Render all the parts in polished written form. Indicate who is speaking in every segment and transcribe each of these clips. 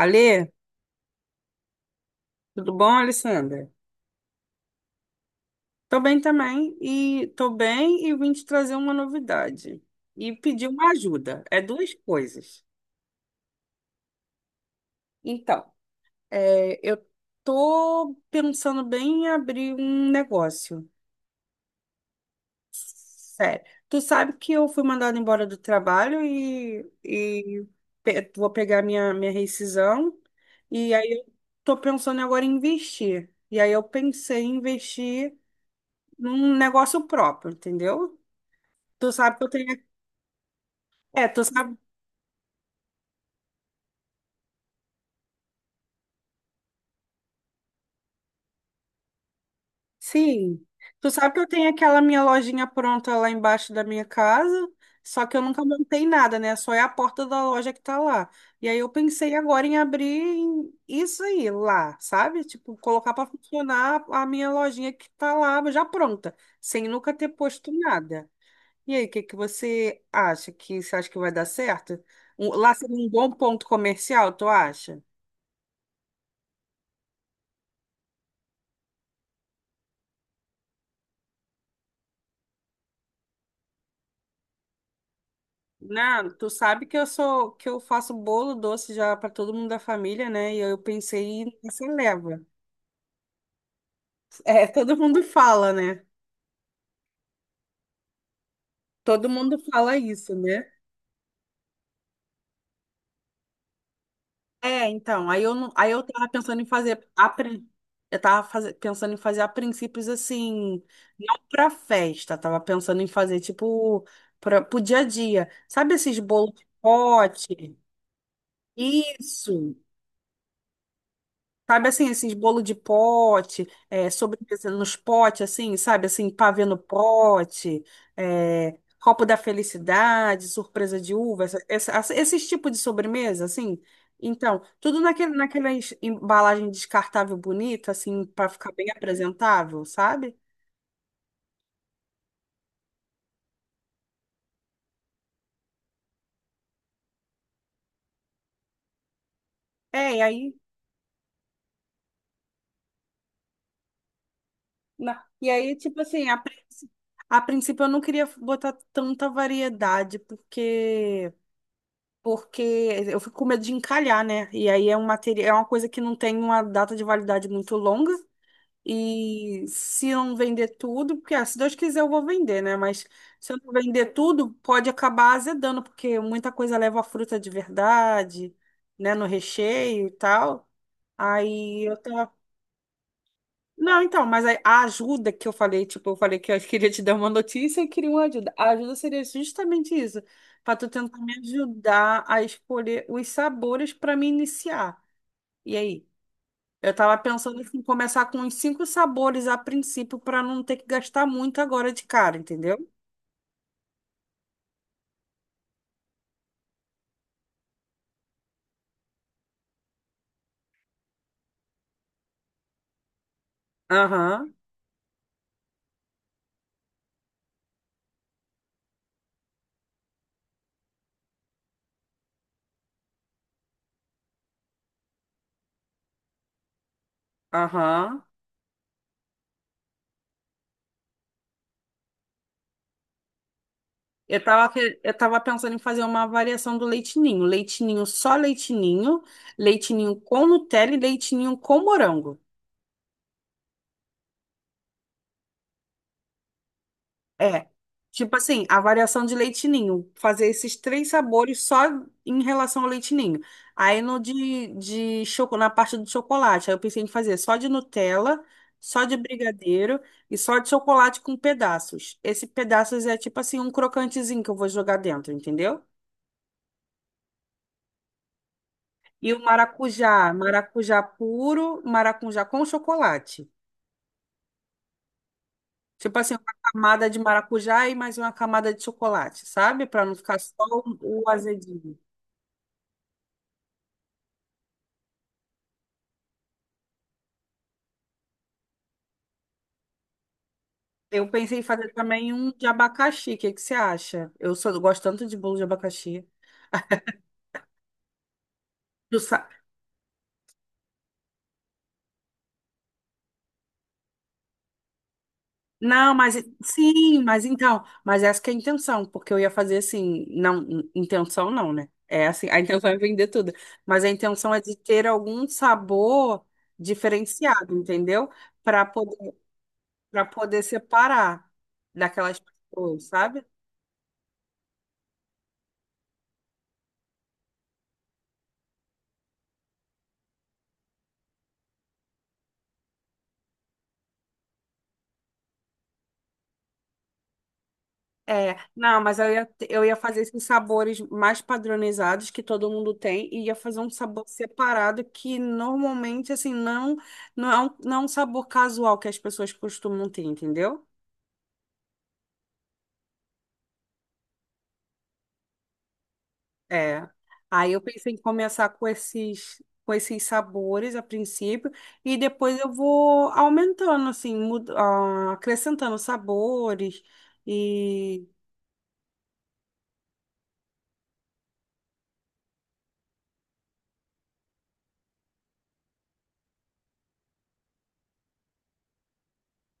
Speaker 1: Alê, tudo bom, Alessandra? Tô bem também e tô bem e vim te trazer uma novidade e pedir uma ajuda. É duas coisas. Então, eu tô pensando bem em abrir um negócio. Sério. Tu sabe que eu fui mandada embora do trabalho e vou pegar minha rescisão e aí eu tô pensando agora em investir. E aí eu pensei em investir num negócio próprio, entendeu? Tu sabe que eu tenho. É, tu sabe. Sim. Tu sabe que eu tenho aquela minha lojinha pronta lá embaixo da minha casa, só que eu nunca montei nada, né? Só é a porta da loja que tá lá. E aí eu pensei agora em isso aí lá, sabe? Tipo, colocar para funcionar a minha lojinha que tá lá já pronta, sem nunca ter posto nada. E aí, o que que você acha que você acha que vai dar certo? Lá seria um bom ponto comercial, tu acha? Não, tu sabe que eu sou que eu faço bolo doce já para todo mundo da família, né? E eu pensei nessa leva. É, todo mundo fala, né? Todo mundo fala isso, né? É, então, aí eu não, aí eu tava pensando em fazer a, prin- eu tava faze- pensando em fazer a princípios assim, não para festa, tava pensando em fazer tipo para o dia a dia. Sabe esses bolos de pote? Isso. Sabe assim, esses bolo de pote, sobremesa nos potes, assim, sabe? Assim, pavê no pote, copo da felicidade, surpresa de uva, esses tipos de sobremesa, assim. Então, naquela embalagem descartável bonita, assim, para ficar bem apresentável, sabe? É, e aí, e aí, tipo assim, a princípio eu não queria botar tanta variedade, porque eu fico com medo de encalhar, né? E aí é um material, é uma coisa que não tem uma data de validade muito longa. E se eu não vender tudo, porque ah, se Deus quiser eu vou vender, né? Mas se eu não vender tudo, pode acabar azedando, porque muita coisa leva a fruta de verdade, né? No recheio e tal. Aí eu tô. Não, então, mas a ajuda que eu falei, tipo, eu falei que eu queria te dar uma notícia e queria uma ajuda. A ajuda seria justamente isso, para tu tentar me ajudar a escolher os sabores para me iniciar. E aí? Eu tava pensando em começar com uns cinco sabores a princípio para não ter que gastar muito agora de cara, entendeu? Aham, aham. Eu tava pensando em fazer uma variação do leitinho. Leitinho só leitinho, leitinho com Nutella e leitinho com morango. É, tipo assim, a variação de leite ninho, fazer esses três sabores só em relação ao leite ninho. Aí no de choco, na parte do chocolate, aí eu pensei em fazer só de Nutella, só de brigadeiro e só de chocolate com pedaços. Esse pedaços é tipo assim um crocantezinho que eu vou jogar dentro, entendeu? E o maracujá, maracujá puro, maracujá com chocolate. Tipo assim, uma camada de maracujá e mais uma camada de chocolate, sabe? Para não ficar só o azedinho. Eu pensei em fazer também um de abacaxi. O que que você acha? Gosto tanto de bolo de abacaxi. Tu sa- Não, mas sim, mas então, mas essa que é a intenção, porque eu ia fazer assim, intenção não, né? É assim, a intenção é vender tudo, mas a intenção é de ter algum sabor diferenciado, entendeu? Para poder, para poder separar daquelas pessoas, sabe? É, não, mas eu ia fazer esses sabores mais padronizados que todo mundo tem e ia fazer um sabor separado que normalmente, assim, não, não é um sabor casual que as pessoas costumam ter, entendeu? É. Aí eu pensei em começar com esses sabores a princípio e depois eu vou aumentando, assim, acrescentando sabores e...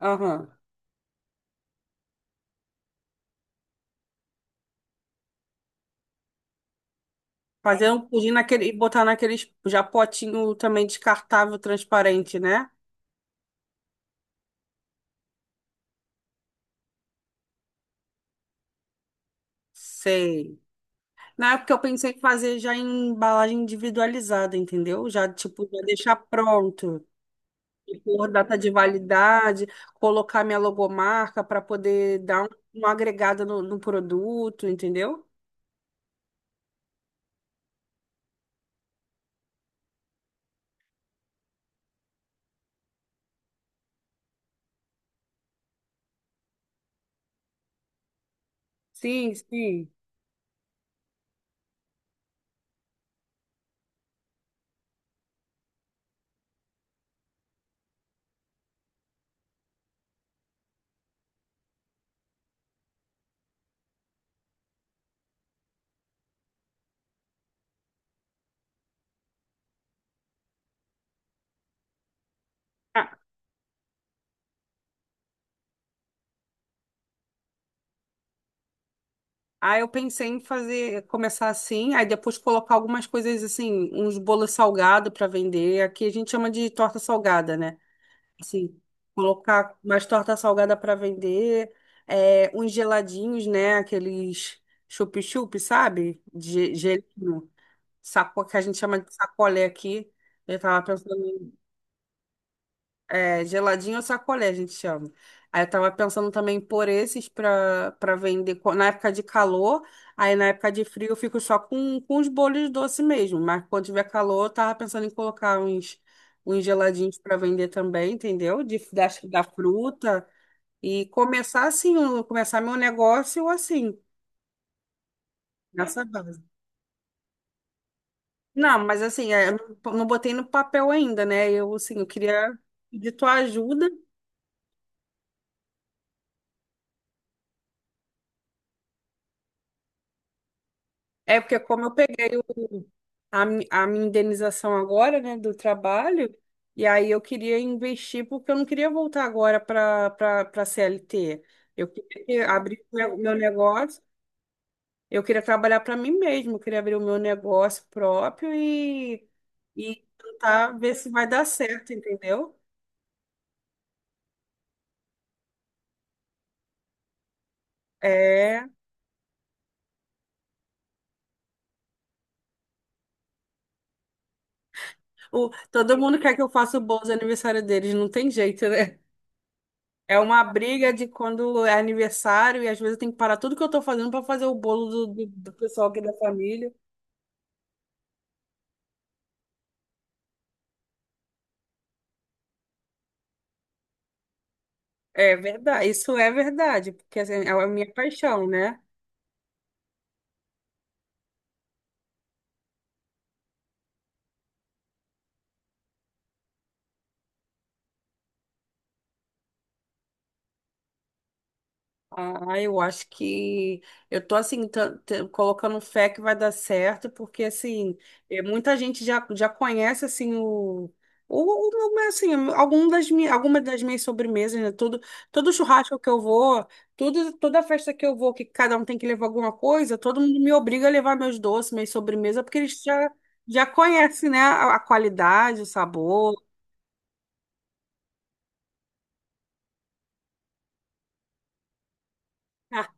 Speaker 1: Aham. Fazer um pudim naquele, e botar naqueles já potinho também descartável, transparente, né? Sei. Na época eu pensei em fazer já em embalagem individualizada, entendeu? Já, tipo, já deixar pronto, e por data de validade, colocar minha logomarca para poder dar uma agregada no produto, entendeu? Sim. Ah, aí eu pensei em fazer, começar assim, aí depois colocar algumas coisas assim, uns bolos salgados para vender. Aqui a gente chama de torta salgada, né? Sim, colocar mais torta salgada para vender, uns geladinhos, né? Aqueles chup-chup, sabe? De gelinho, saco, que a gente chama de sacolé aqui. Eu tava pensando geladinho ou sacolé, a gente chama. Aí eu tava pensando também em pôr esses pra vender na época de calor. Aí na época de frio eu fico só com os bolos doce mesmo. Mas quando tiver calor, eu tava pensando em colocar uns geladinhos pra vender também, entendeu? Da fruta. E começar assim, começar meu negócio assim, nessa base. Não, mas assim, é, eu não, não botei no papel ainda, né? Eu, assim, eu queria pedir tua ajuda. É porque como eu peguei a minha indenização agora, né, do trabalho, e aí eu queria investir porque eu não queria voltar agora para CLT. Eu queria abrir o meu meu negócio, eu queria trabalhar para mim mesmo, eu queria abrir o meu negócio próprio e tentar ver se vai dar certo, entendeu? É, o, todo mundo quer que eu faça o bolo de aniversário deles, não tem jeito, né? É uma briga de quando é aniversário e às vezes eu tenho que parar tudo que eu tô fazendo para fazer o bolo do pessoal aqui da família. É verdade, isso é verdade, porque assim, é a minha paixão, né? Ah, eu acho que eu tô assim colocando fé que vai dar certo, porque assim, muita gente já conhece assim o alguma das minhas sobremesas, né? Todo churrasco que eu vou, toda festa que eu vou, que cada um tem que levar alguma coisa, todo mundo me obriga a levar meus doces, minhas sobremesas, porque eles já, já conhecem, né, a qualidade, o sabor. Ah,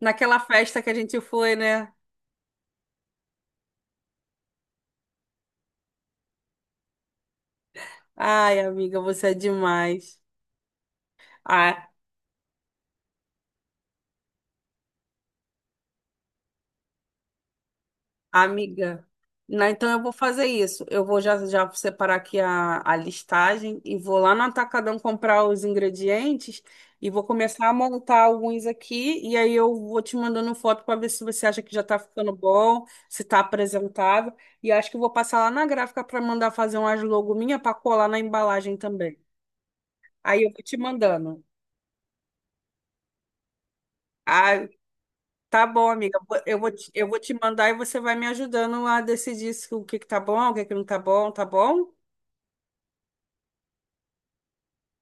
Speaker 1: naquela festa que a gente foi, né? Ai, amiga, você é demais. Ah, amiga, não, então eu vou fazer isso. Eu vou já separar aqui a listagem e vou lá no Atacadão comprar os ingredientes e vou começar a montar alguns aqui. E aí eu vou te mandando foto para ver se você acha que já está ficando bom, se está apresentável. E acho que eu vou passar lá na gráfica para mandar fazer umas logo minha para colar na embalagem também. Aí eu vou te mandando. Ah, tá bom, amiga. Eu vou te mandar e você vai me ajudando a decidir se, o que que tá bom, o que que não tá bom, tá bom?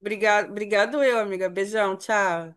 Speaker 1: Obrigado eu, amiga. Beijão, tchau.